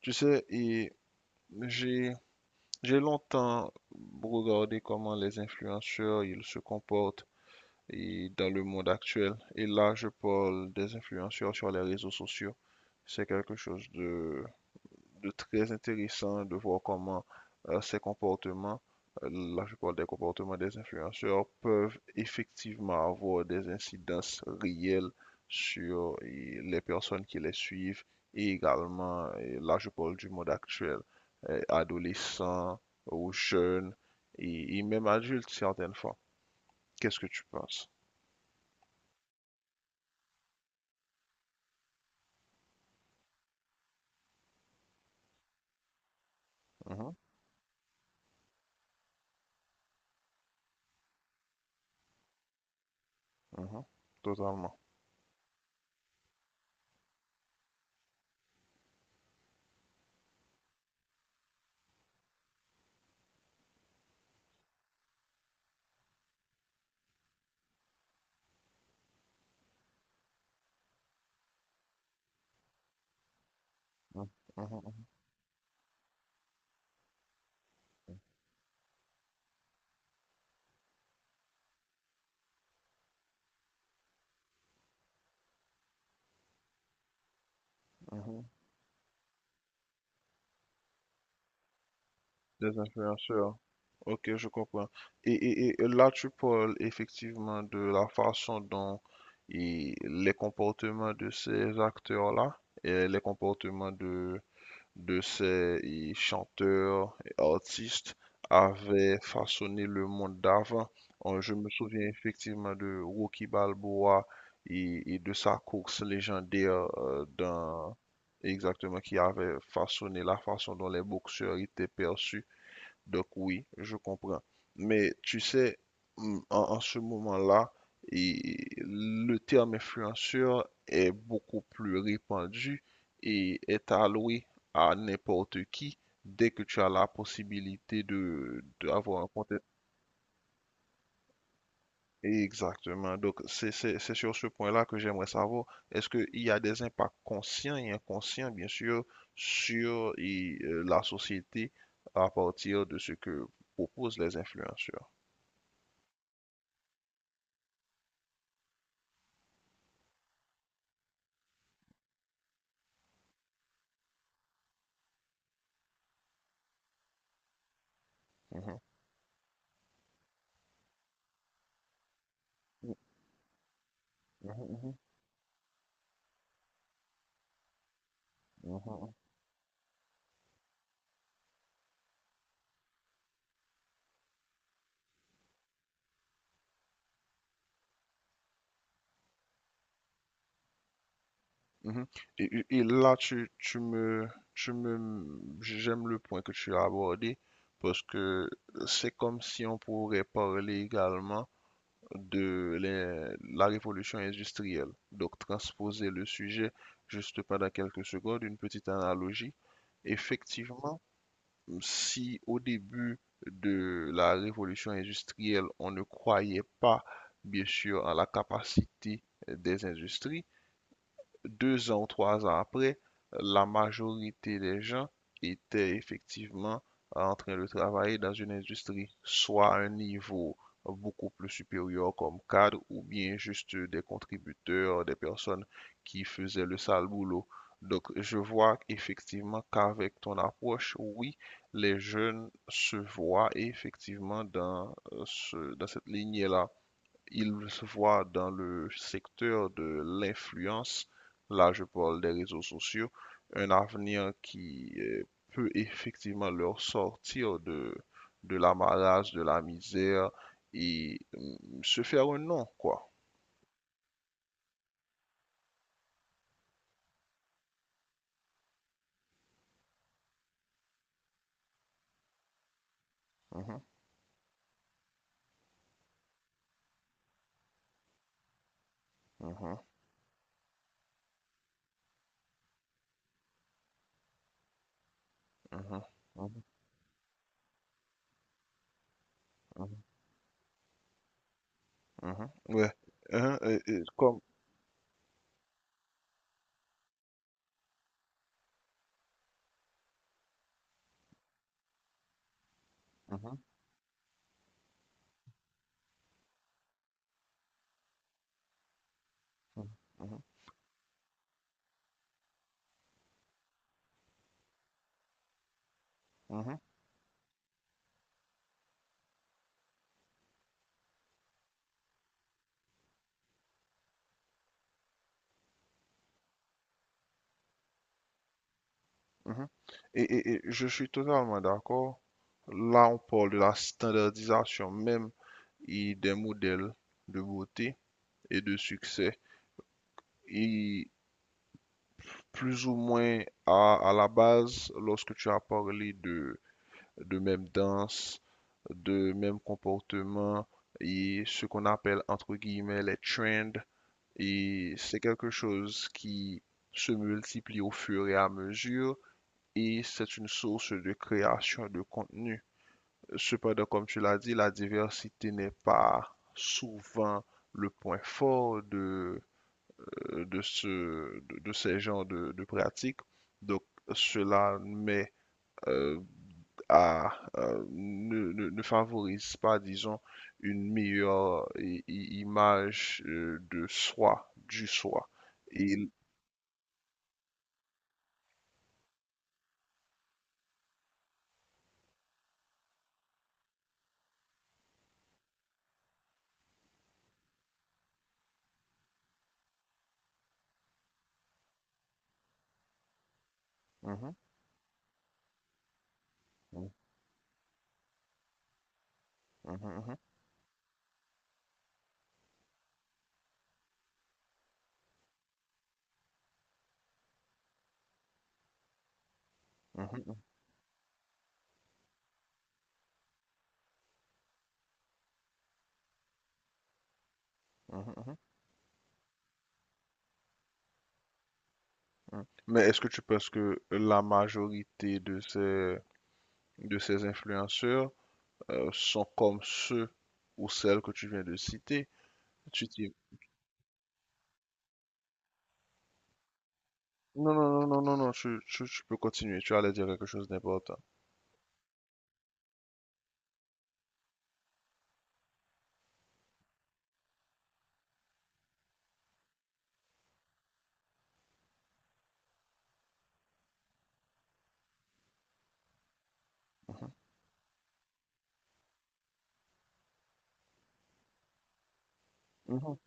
Tu sais, et j'ai j'ai longtemps regardé comment les influenceurs ils se comportent et dans le monde actuel. Et là, je parle des influenceurs sur les réseaux sociaux. C'est quelque chose de très intéressant de voir comment ces comportements, là je parle des comportements des influenceurs, peuvent effectivement avoir des incidences réelles sur les personnes qui les suivent et également, là je parle du monde actuel, adolescents ou jeunes et même adultes certaines fois. Qu'est-ce que tu penses? Mhm, mhm, totalement. Mhm, mhm, mhm. Mhm. Des influenceurs. Ok, je comprends. Là, tu parles effectivement de la façon dont et les comportements de ces acteurs-là et les comportements de ces et, chanteurs et artistes avaient façonné le monde d'avant. Je me souviens effectivement de Rocky Balboa et de sa course légendaire dans, exactement, qui avait façonné la façon dont les boxeurs étaient perçus donc oui, je comprends. Mais tu sais, en, en ce moment-là, et le terme influenceur est beaucoup plus répandu et est alloué à n'importe qui dès que tu as la possibilité de d'avoir un compte. Exactement. Donc c'est sur ce point-là que j'aimerais savoir, est-ce qu'il y a des impacts conscients et inconscients, bien sûr, sur et, la société à partir de ce que proposent les influenceurs? Mhm, mhm, mhm, mhm, mhm. Et là, tu me, j'aime le point que tu as abordé parce que c'est comme si on pourrait parler également de les- la révolution industrielle. Donc, transposer le sujet juste pendant quelques secondes, une petite analogie. Effectivement, si au début de la révolution industrielle, on ne croyait pas, bien sûr, à la capacité des industries, deux ans ou trois ans après, la majorité des gens étaient effectivement en train de travailler dans une industrie, soit à un niveau beaucoup plus supérieur comme cadre, ou bien juste des contributeurs, des personnes qui faisaient le sale boulot. Donc, je vois effectivement qu'avec ton approche, oui, les jeunes se voient effectivement dans, dans cette lignée-là. Il se voit dans le secteur de l'influence, là je parle des réseaux sociaux, un avenir qui peut effectivement leur sortir de l'amarrage, de la misère et se faire un nom, quoi. Mhm, mhm, mhm, mhm, mhm, mhm. Ouais. Hein, et comme... Mhm, mhm, mhm, mhm, mhm. Et je suis totalement d'accord. Là, on parle de la standardisation même et des modèles de beauté et de succès. Et plus ou moins à la base, lorsque tu as parlé de même danse, de même comportement et ce qu'on appelle entre guillemets les trends, et c'est quelque chose qui se multiplie au fur et à mesure et c'est une source de création de contenu. Cependant, comme tu l'as dit, la diversité n'est pas souvent le point fort de ce, de ces genres de pratiques. Donc, cela met euh, à, ne, ne favorise pas, disons, une meilleure image de soi, du soi. Et... Mhm, mhm, mhm, mhm, mhm, mhm, mhm, mhm. Mais est-ce que tu penses que la majorité de ces influenceurs sont comme ceux ou celles que tu viens de citer? Tu non, non, non, non, non, non, tu peux continuer. Tu allais dire quelque chose d'important. Mhm,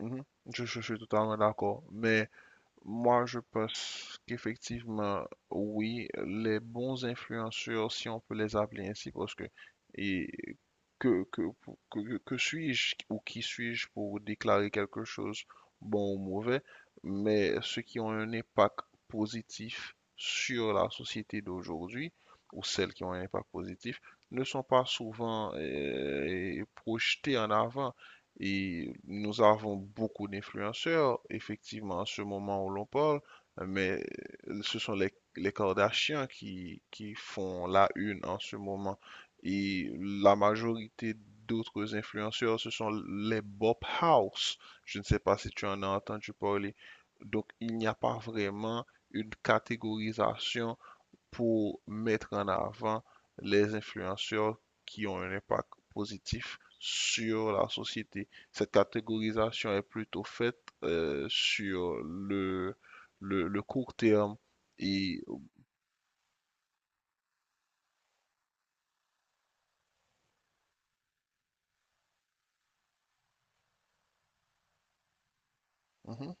mhm. Je suis totalement d'accord. Mais moi, je pense qu'effectivement, oui, les bons influenceurs, si on peut les appeler ainsi, parce que et que, que, que suis-je ou qui suis-je pour déclarer quelque chose, bon ou mauvais, mais ceux qui ont un impact positif sur la société d'aujourd'hui, ou celles qui ont un impact positif, ne sont pas souvent projetés en avant. Et nous avons beaucoup d'influenceurs, effectivement, en ce moment où l'on parle, mais ce sont les Kardashians qui font la une en ce moment. Et la majorité d'autres influenceurs, ce sont les Bob House. Je ne sais pas si tu en as entendu parler. Donc, il n'y a pas vraiment une catégorisation pour mettre en avant les influenceurs qui ont un impact positif sur la société. Cette catégorisation est plutôt faite sur le, le court terme et... Mhm,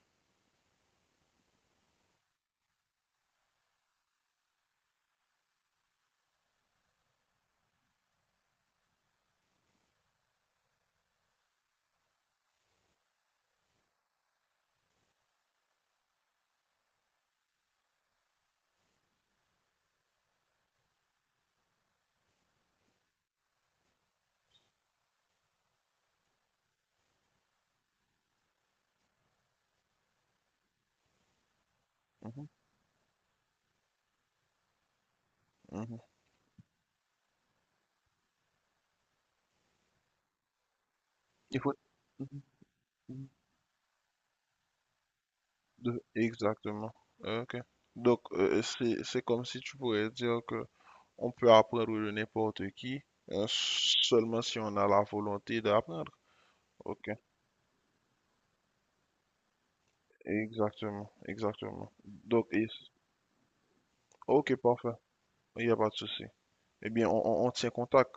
mhm, mhm. Il faut- mhm, mhm. De- exactement. Ok. Donc, c'est comme si tu pourrais dire que on peut apprendre de n'importe qui, hein, seulement si on a la volonté d'apprendre. Ok. Exactement, exactement. Donc, et- ok, parfait. Il n'y a pas de souci. Eh bien, on on tient contact.